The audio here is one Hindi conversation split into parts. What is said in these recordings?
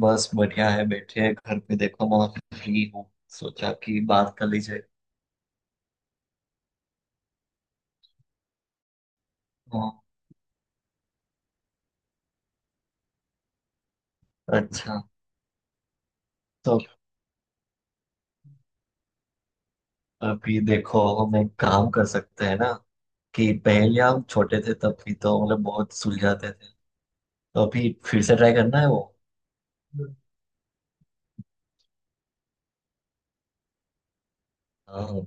बस बढ़िया है। बैठे हैं घर पे। देखो, मैं फ्री हूँ। सोचा कि बात कर ली जाए। हाँ, अच्छा। तो अभी देखो, हम एक काम कर सकते हैं ना, कि पहले हम छोटे थे तब भी तो बहुत सुलझाते थे। तो अभी फिर से ट्राई करना है वो। हाँ।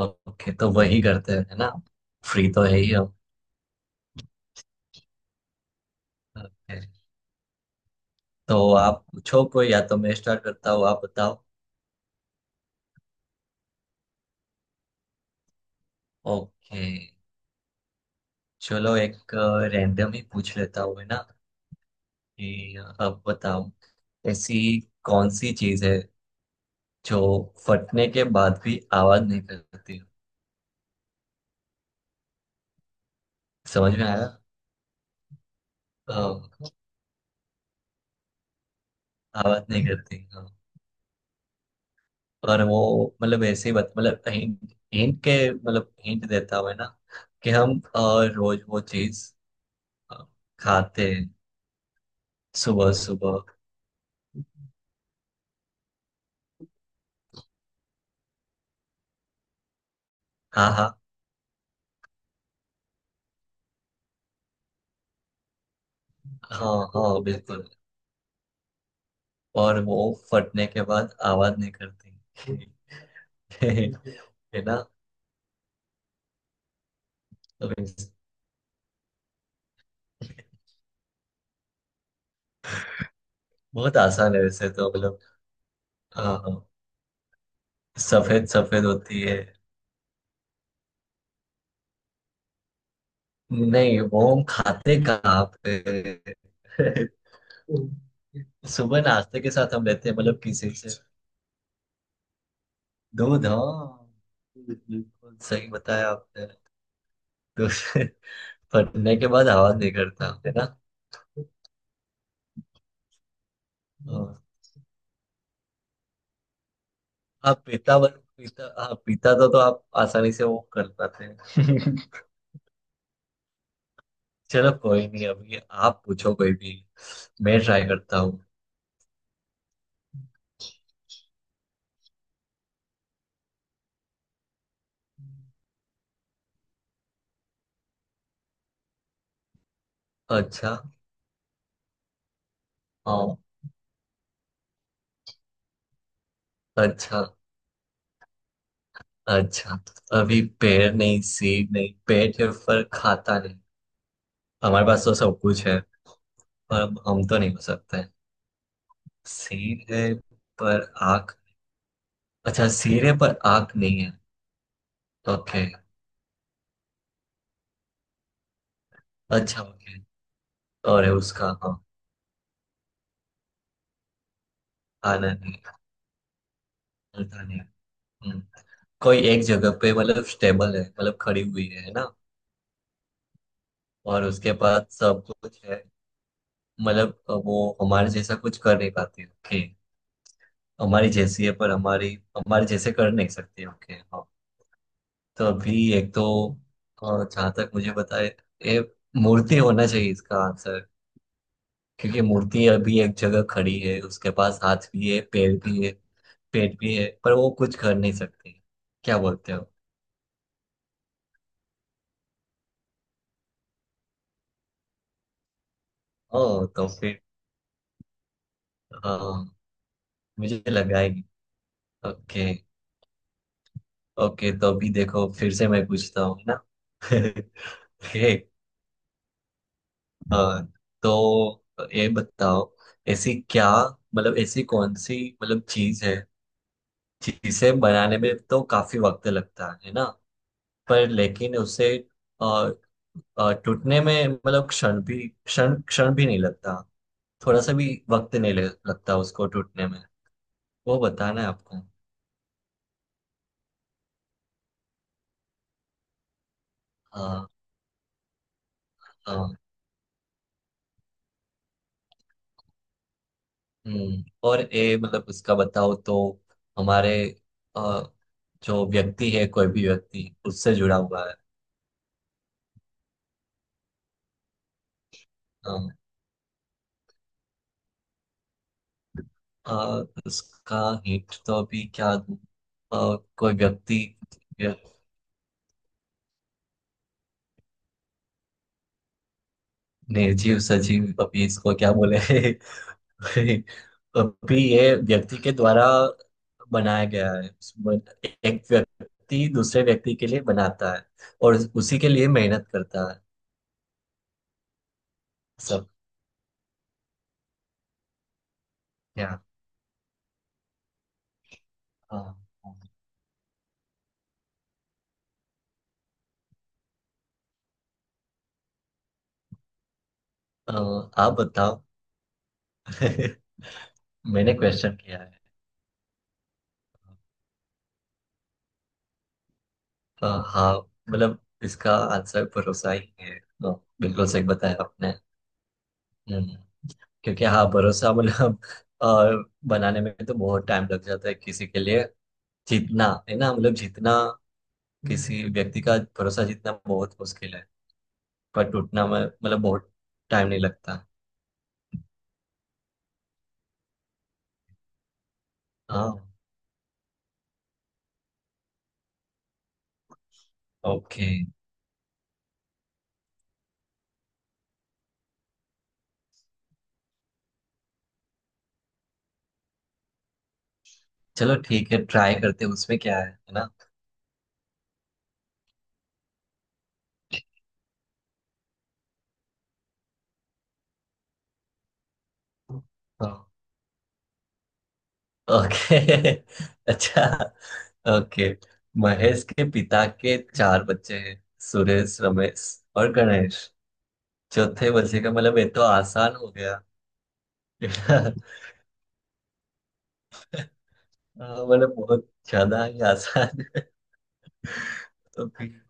ओके, तो वही करते हैं, है ना। फ्री तो है ही हम। ओके, तो आप पूछो कोई, या तो मैं स्टार्ट करता हूँ, आप बताओ। ओके, चलो, एक रैंडम ही पूछ लेता हूँ, है ना। जी, अब बताओ, ऐसी कौन सी चीज है जो फटने के बाद भी आवाज नहीं करती। समझ में आया? हाँ, आवाज नहीं करती। हाँ। और वो ऐसे ही बत मतलब हिंट हिंट के मतलब हिंट देता हुआ है ना, कि हम रोज वो चीज अ, खाते हैं सुबह सुबह। हाँ, हाँ। हाँ हाँ, बिल्कुल। और वो फटने के बाद आवाज नहीं करती। है ना। तो इस- बहुत आसान है, वैसे तो हाँ, सफेद सफेद होती है। नहीं, मोम खाते कहाँ पे? सुबह नाश्ते के साथ हम लेते हैं, किसी से। दूध, हाँ। बिल्कुल सही बताया आपने। दूध। फटने के बाद आवाज नहीं करता, है ना। हाँ। आप पीता बन पीता, हाँ। पीता तो आप आसानी से वो कर पाते हैं। चलो, कोई नहीं। अभी आप पूछो कोई भी, मैं ट्राई करता हूँ। अच्छा। हाँ, अच्छा। अच्छा, तो अभी पैर नहीं, सीट नहीं, पेट है पर खाता नहीं। हमारे पास तो सब कुछ है, पर हम तो नहीं हो सकते हैं। सिर है पर आँख। अच्छा, सिर है पर आँख नहीं है। ओके। अच्छा, ओके। और है उसका, हाँ। आना नहीं, चलता नहीं। हम्म, कोई एक जगह पे स्टेबल है, खड़ी हुई है ना। और उसके पास सब कुछ है, वो हमारे जैसा कुछ कर नहीं पाती। ओके, हमारी जैसी है पर हमारी हमारे जैसे कर नहीं सकती। ओके, तो अभी एक तो, जहां तक मुझे पता है, ये मूर्ति होना चाहिए इसका आंसर। क्योंकि मूर्ति अभी एक जगह खड़ी है, उसके पास हाथ भी है, पैर भी है, पेट भी है, पर वो कुछ कर नहीं सकती। क्या बोलते हो? ओ, तो फिर, हाँ, मुझे लगा ही। ओके। ओके, तो अभी देखो, फिर से मैं पूछता हूँ ना। ओके। हाँ, तो ये बताओ, ऐसी क्या ऐसी कौन सी चीज है, चीजें बनाने में तो काफी वक्त लगता है ना, पर लेकिन उसे अ, टूटने में क्षण भी नहीं लगता। थोड़ा सा भी वक्त नहीं लगता उसको टूटने में। वो बताना है आपको। हाँ, हाँ। हम्म, और ए मतलब उसका बताओ तो, हमारे अ, जो व्यक्ति है, कोई भी व्यक्ति उससे जुड़ा हुआ है। हाँ। अ, उसका हिंट तो अभी क्या दूं? कोई व्यक्ति, निर्जीव सजीव अभी इसको क्या बोले। अभी ये व्यक्ति के द्वारा बनाया गया है, एक व्यक्ति दूसरे व्यक्ति के लिए बनाता है, और उसी के लिए मेहनत करता है। सब। क्या? हाँ। हाँ। अ, आप बताओ। मैंने क्वेश्चन किया है। हाँ, मतलब इसका आंसर भरोसा ही है। बिल्कुल सही बताया आपने। हम्म, क्योंकि हाँ, भरोसा और बनाने में तो बहुत टाइम लग जाता है, किसी के लिए जीतना, है ना, मतलब जीतना हम्म। किसी व्यक्ति का भरोसा जीतना बहुत मुश्किल है, पर टूटना में बहुत टाइम नहीं लगता। हाँ। ओके, चलो, ठीक है, ट्राई करते हैं। उसमें क्या है ना। हाँ। ओके। अच्छा। ओके, महेश के पिता के चार बच्चे हैं, सुरेश, रमेश और गणेश, चौथे बच्चे का ये तो आसान हो गया। हाँ, बहुत ज्यादा ही आसान। है।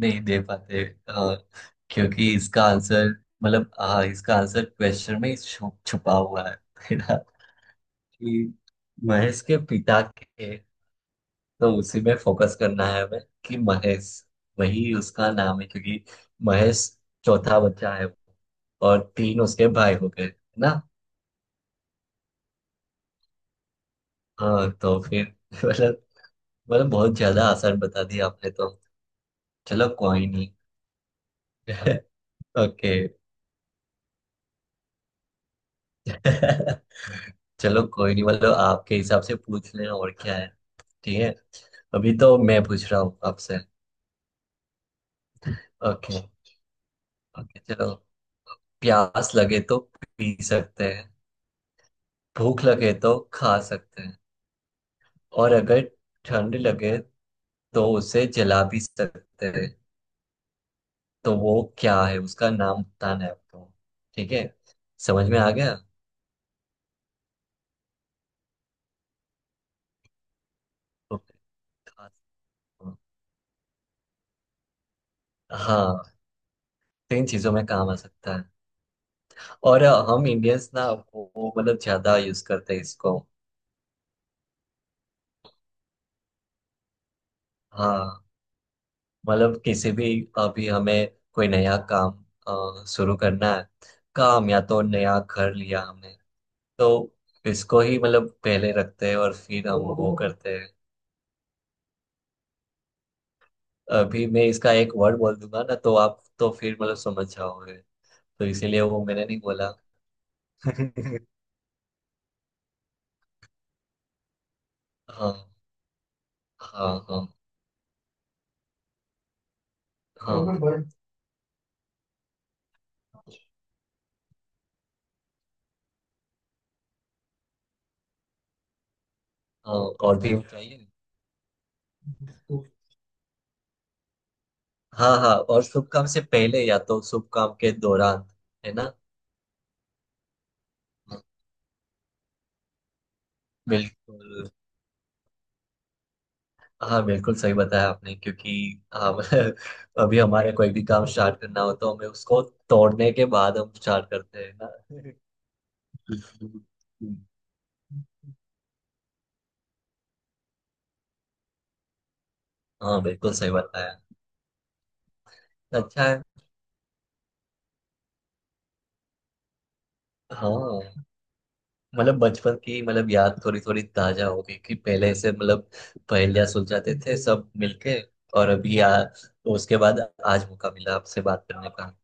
नहीं दे पाते। क्योंकि इसका आंसर, हाँ, इसका आंसर क्वेश्चन में ही छुपा हुआ है। मेरा, कि महेश के पिता के, तो उसी में फोकस करना है हमें, कि महेश, वही उसका नाम है क्योंकि महेश चौथा बच्चा है और तीन उसके भाई हो गए, है ना। हाँ, तो फिर मतलब बहुत ज्यादा आसान बता दिया आपने तो। चलो, कोई नहीं। ओके। चलो, कोई नहीं, आपके हिसाब से पूछ लेना, और क्या है। ठीक है, अभी तो मैं पूछ रहा हूँ आपसे। ओके। ओके, चलो। प्यास लगे तो पी सकते हैं, भूख लगे तो खा सकते हैं, और अगर ठंड लगे तो उसे जला भी सकते हैं। तो वो क्या है, उसका नाम बताना है आपको। ठीक है। समझ में आ गया। ओके। खा सकते हैं। हाँ, तीन चीजों में काम आ सकता है। और हम इंडियंस ना, वो ज्यादा यूज करते हैं इसको। हाँ। किसी भी, अभी हमें कोई नया काम शुरू करना है, काम, या तो नया घर लिया हमने, तो इसको ही पहले रखते हैं और फिर हम वो करते हैं। अभी मैं इसका एक वर्ड बोल दूंगा ना तो आप तो फिर समझ जाओगे, तो इसीलिए वो मैंने नहीं बोला। हाँ, हाँ। हाँ, हाँ। हाँ, और भी चाहिए। हाँ, हाँ, और शुभ काम से पहले या तो शुभ काम के दौरान, है ना। बिल्कुल। हाँ, बिल्कुल सही बताया आपने, क्योंकि हम अभी हमारे कोई भी काम स्टार्ट करना हो तो हमें उसको तोड़ने के बाद हम स्टार्ट करते हैं ना। हाँ, बिल्कुल सही बताया। अच्छा है। हाँ, बचपन की याद थोड़ी थोड़ी ताजा हो गई, कि पहले से पहेलियां सुलझाते थे सब मिलके। और अभी उसके बाद आज मौका मिला आपसे बात करने का।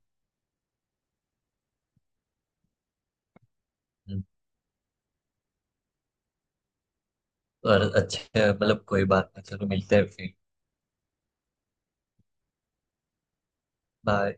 और अच्छा, कोई बात नहीं, चलो, मिलते हैं फिर। बाय।